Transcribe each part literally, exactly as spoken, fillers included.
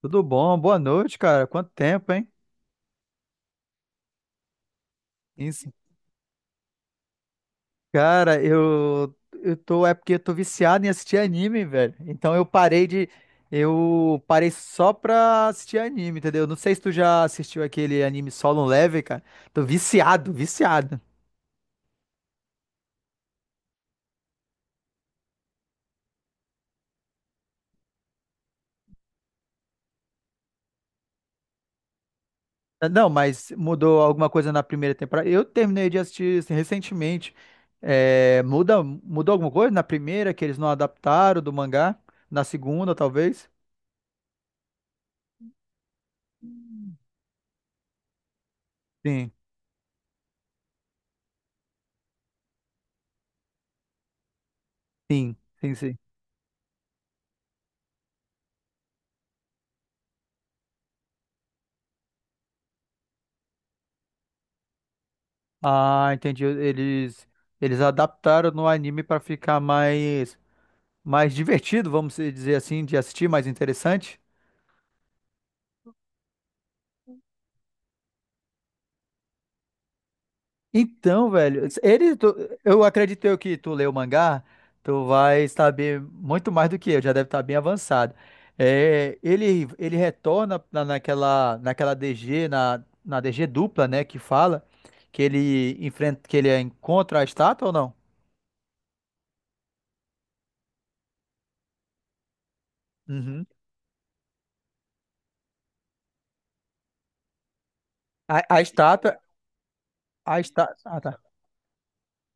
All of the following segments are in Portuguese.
Tudo bom? Boa noite, cara. Quanto tempo, hein? Isso. Cara, eu, eu tô. É porque eu tô viciado em assistir anime, velho. Então eu parei de. Eu parei só pra assistir anime, entendeu? Não sei se tu já assistiu aquele anime Solo Level, cara. Tô viciado, viciado. Ah, Não, mas mudou alguma coisa na primeira temporada. Eu terminei de assistir assim, recentemente. É, muda, mudou alguma coisa na primeira que eles não adaptaram do mangá? Na segunda, talvez? Sim, sim, sim, sim. Ah, entendi. Eles eles adaptaram no anime para ficar mais mais divertido, vamos dizer assim, de assistir, mais interessante. Então, velho, ele tu- eu acredito eu que tu leu o mangá, tu vai saber muito mais do que eu, já deve estar bem avançado. É, ele ele retorna na- naquela naquela D G na na D G dupla, né, que fala que ele enfrenta que ele encontra a estátua ou não? Uhum. A, a estátua, a estátua, ah, tá.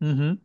Uhum.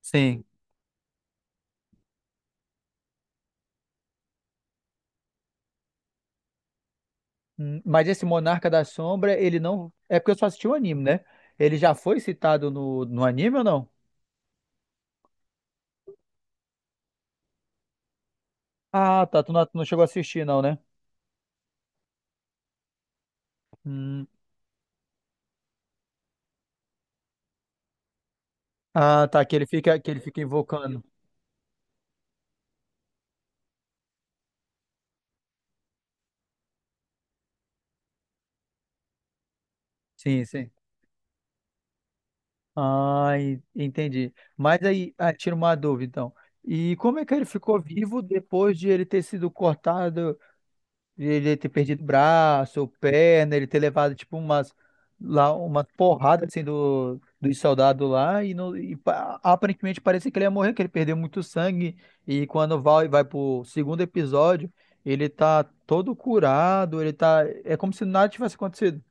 Sim. Hum, Mas esse Monarca da Sombra, ele não. É porque eu só assisti o anime, né? Ele já foi citado no, no anime ou não? Ah, tá. Tu não, tu não chegou a assistir, não, né? Hum. Ah, tá. Que ele fica, que ele fica invocando. Sim, sim. Ah, en- entendi. Mas aí, ah, tira uma dúvida, então. E como é que ele ficou vivo depois de ele ter sido cortado? Ele ter perdido braço ou perna, ele ter levado, tipo, umas, lá, uma porrada, assim, do, dos soldados lá, e, não, e pa- aparentemente parecia que ele ia morrer, que ele perdeu muito sangue, e quando vai, vai pro segundo episódio, ele tá todo curado, ele tá. . . É como se nada tivesse acontecido.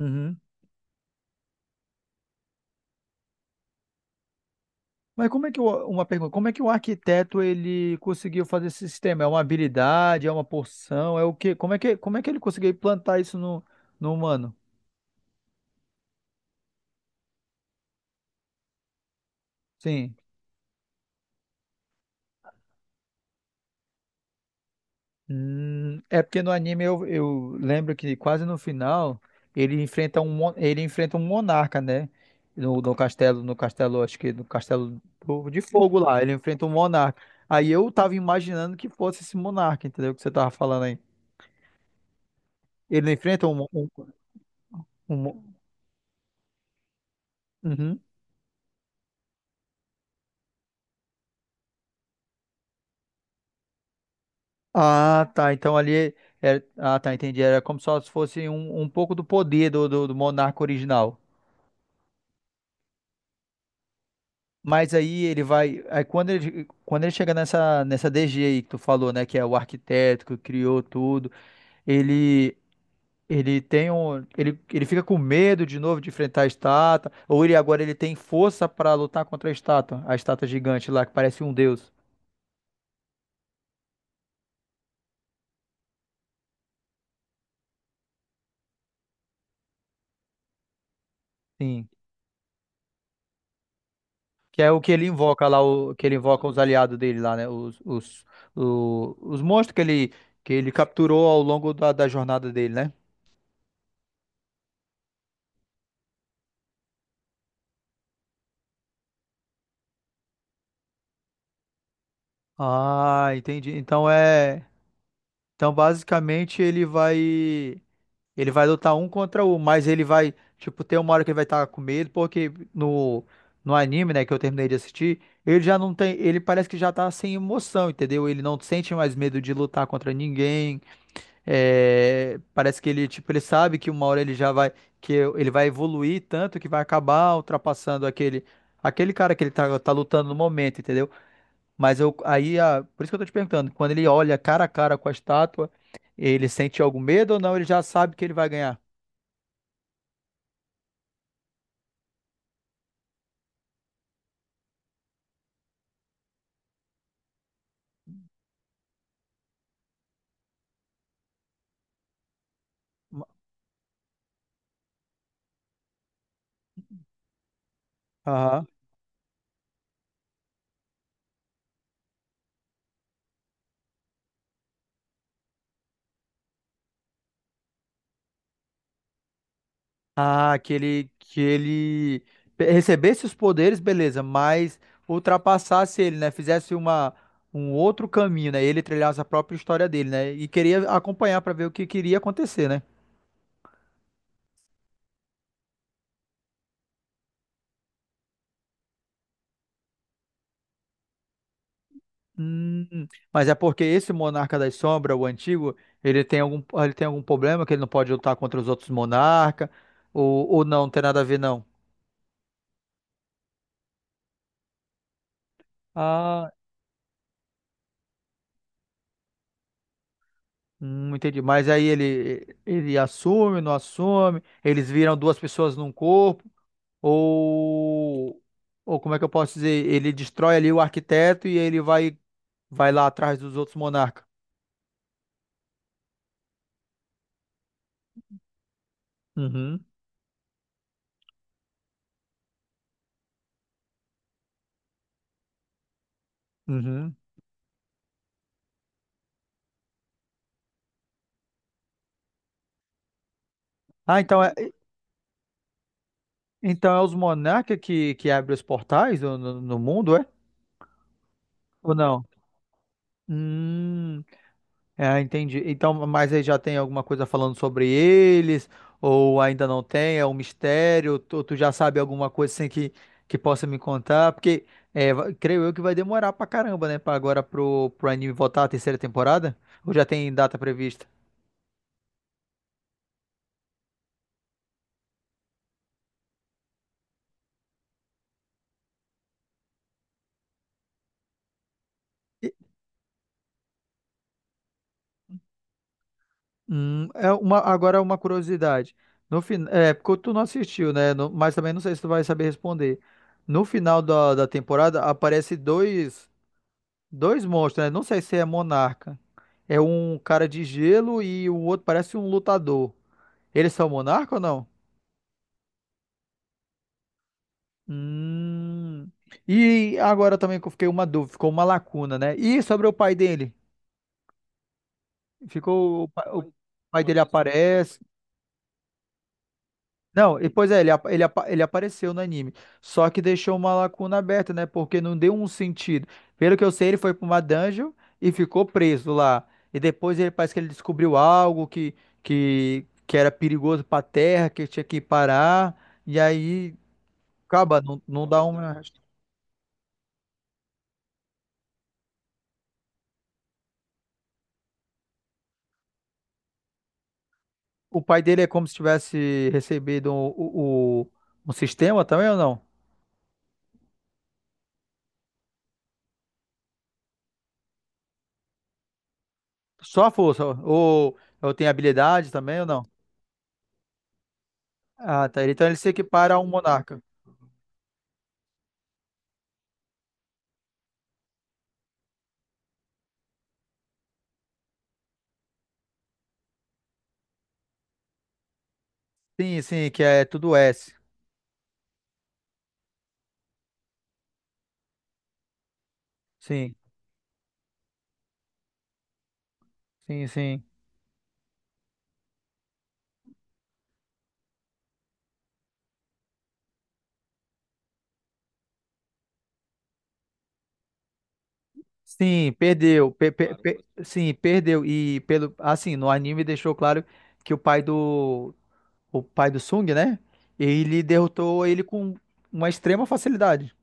Uhum. Mas como é que o, uma pergunta, como é que o arquiteto ele conseguiu fazer esse sistema? É uma habilidade, é uma porção, é o quê? Como é que, como é que ele conseguiu implantar isso no, no humano? Sim. Hum, é porque no anime eu, eu lembro que quase no final ele enfrenta um mon- ele enfrenta um monarca, né? No, no castelo, no castelo, acho que no castelo do- de fogo lá, ele enfrenta um monarca. Aí eu tava imaginando que fosse esse monarca, entendeu? O que você tava falando aí. Ele não enfrenta um, mon- um, um mon- Uhum. Ah, tá. Então ali é, é, ah, tá, entendi. Era como se fosse um, um pouco do poder do, do, do monarca original. Mas aí ele vai. Aí quando ele, quando ele chega nessa, nessa D G aí que tu falou, né? Que é o arquiteto que criou tudo, ele. Ele tem um, ele, ele fica com medo de novo de enfrentar a estátua, ou ele agora ele tem força para lutar contra a estátua, a estátua gigante lá que parece um deus. Sim, que é o que ele invoca lá, o que ele invoca os aliados dele lá, né? Os, os, o- os monstros que ele que ele capturou ao longo da, da jornada dele, né? Ah, entendi. Então é Então, basicamente, ele vai. Ele vai lutar um contra um, mas ele vai. Tipo, ter uma hora que ele vai estar com medo, porque no, no anime, né, que eu terminei de assistir, ele já não tem. Ele parece que já tá sem emoção, entendeu? Ele não sente mais medo de lutar contra ninguém. É, parece que ele, tipo, ele sabe que uma hora ele já vai. Que ele vai evoluir tanto que vai acabar ultrapassando aquele. Aquele cara que ele tá, tá lutando no momento, entendeu? Mas eu aí, ah, por isso que eu tô te perguntando, quando ele olha cara a cara com a estátua, ele sente algum medo ou não? Ele já sabe que ele vai ganhar? Aham. Ah, que ele, que ele pe- recebesse os poderes, beleza, mas ultrapassasse ele, né? Fizesse uma, um outro caminho, né? Ele trilhasse a própria história dele, né? E queria acompanhar para ver o que queria acontecer, né? Hum, mas é porque esse Monarca das Sombras, o antigo, ele tem algum, ele tem algum problema que ele não pode lutar contra os outros monarcas, ou, ou não, não tem nada a ver, não. Ah, hum, entendi. Mas aí ele, ele assume, não assume, eles viram duas pessoas num corpo, ou, ou como é que eu posso dizer? Ele destrói ali o arquiteto e ele vai, vai lá atrás dos outros monarcas. Uhum, uhum. Ah, então é, então é os monarcas que, que abrem os portais no, no no mundo, é? Ou não? Hum, é, entendi. Então, mas aí já tem alguma coisa falando sobre eles? Ou ainda não tem? É um mistério? Tu, tu já sabe alguma coisa assim que, que possa me contar? Porque é, va- creio eu que vai demorar pra caramba, né? Pra agora pro, pro anime voltar à terceira temporada? Ou já tem data prevista? E- Hum, é uma, agora é uma curiosidade. No fin. . . é, porque tu não assistiu, né? No- mas também não sei se tu vai saber responder. No final da, da temporada aparece dois. Dois monstros, né? Não sei se é monarca. É um cara de gelo e o outro parece um lutador. Eles são monarca ou não? Hum. E agora também que eu fiquei uma dúvida, ficou uma lacuna, né? E sobre o pai dele? Ficou o, pa- o pai dele aparece. Não, e pois é, ele, apa- ele, apa- ele apareceu no anime. Só que deixou uma lacuna aberta, né? Porque não deu um sentido. Pelo que eu sei, ele foi pra uma dungeon e ficou preso lá. E depois ele parece que ele descobriu algo que, que, que era perigoso pra terra, que tinha que parar. E aí, acaba, não, não dá uma. O pai dele é como se tivesse recebido um, o, o um sistema também ou não? Só a força. Ou, ou tem habilidade também ou não? Ah, tá. Então ele se equipara a um monarca. Sim, sim, que é tudo S. Sim, sim, sim. Sim, perdeu. pe- pe- Claro, pe- sim, perdeu. E pelo, assim, no anime deixou claro que o pai do, o pai do Sung, né? Ele derrotou ele com uma extrema facilidade.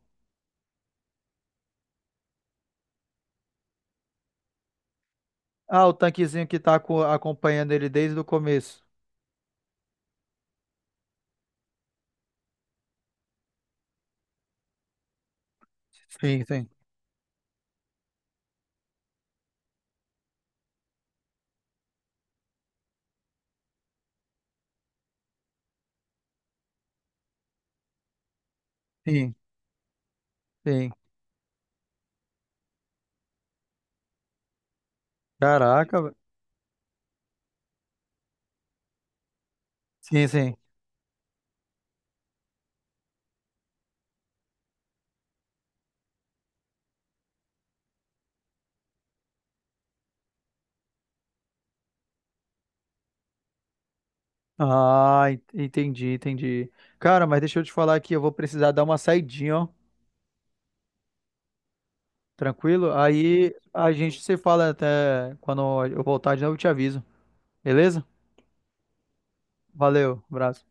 Ah, o tanquezinho que tá co- acompanhando ele desde o começo. Sim, sim, sim, sim. Caraca, velho. Sim, sim. Ah, en- entendi, entendi. Cara, mas deixa eu te falar aqui, eu vou precisar dar uma saidinha, ó. Tranquilo? Aí a gente se fala até quando eu voltar de novo, eu te aviso. Beleza? Valeu, abraço.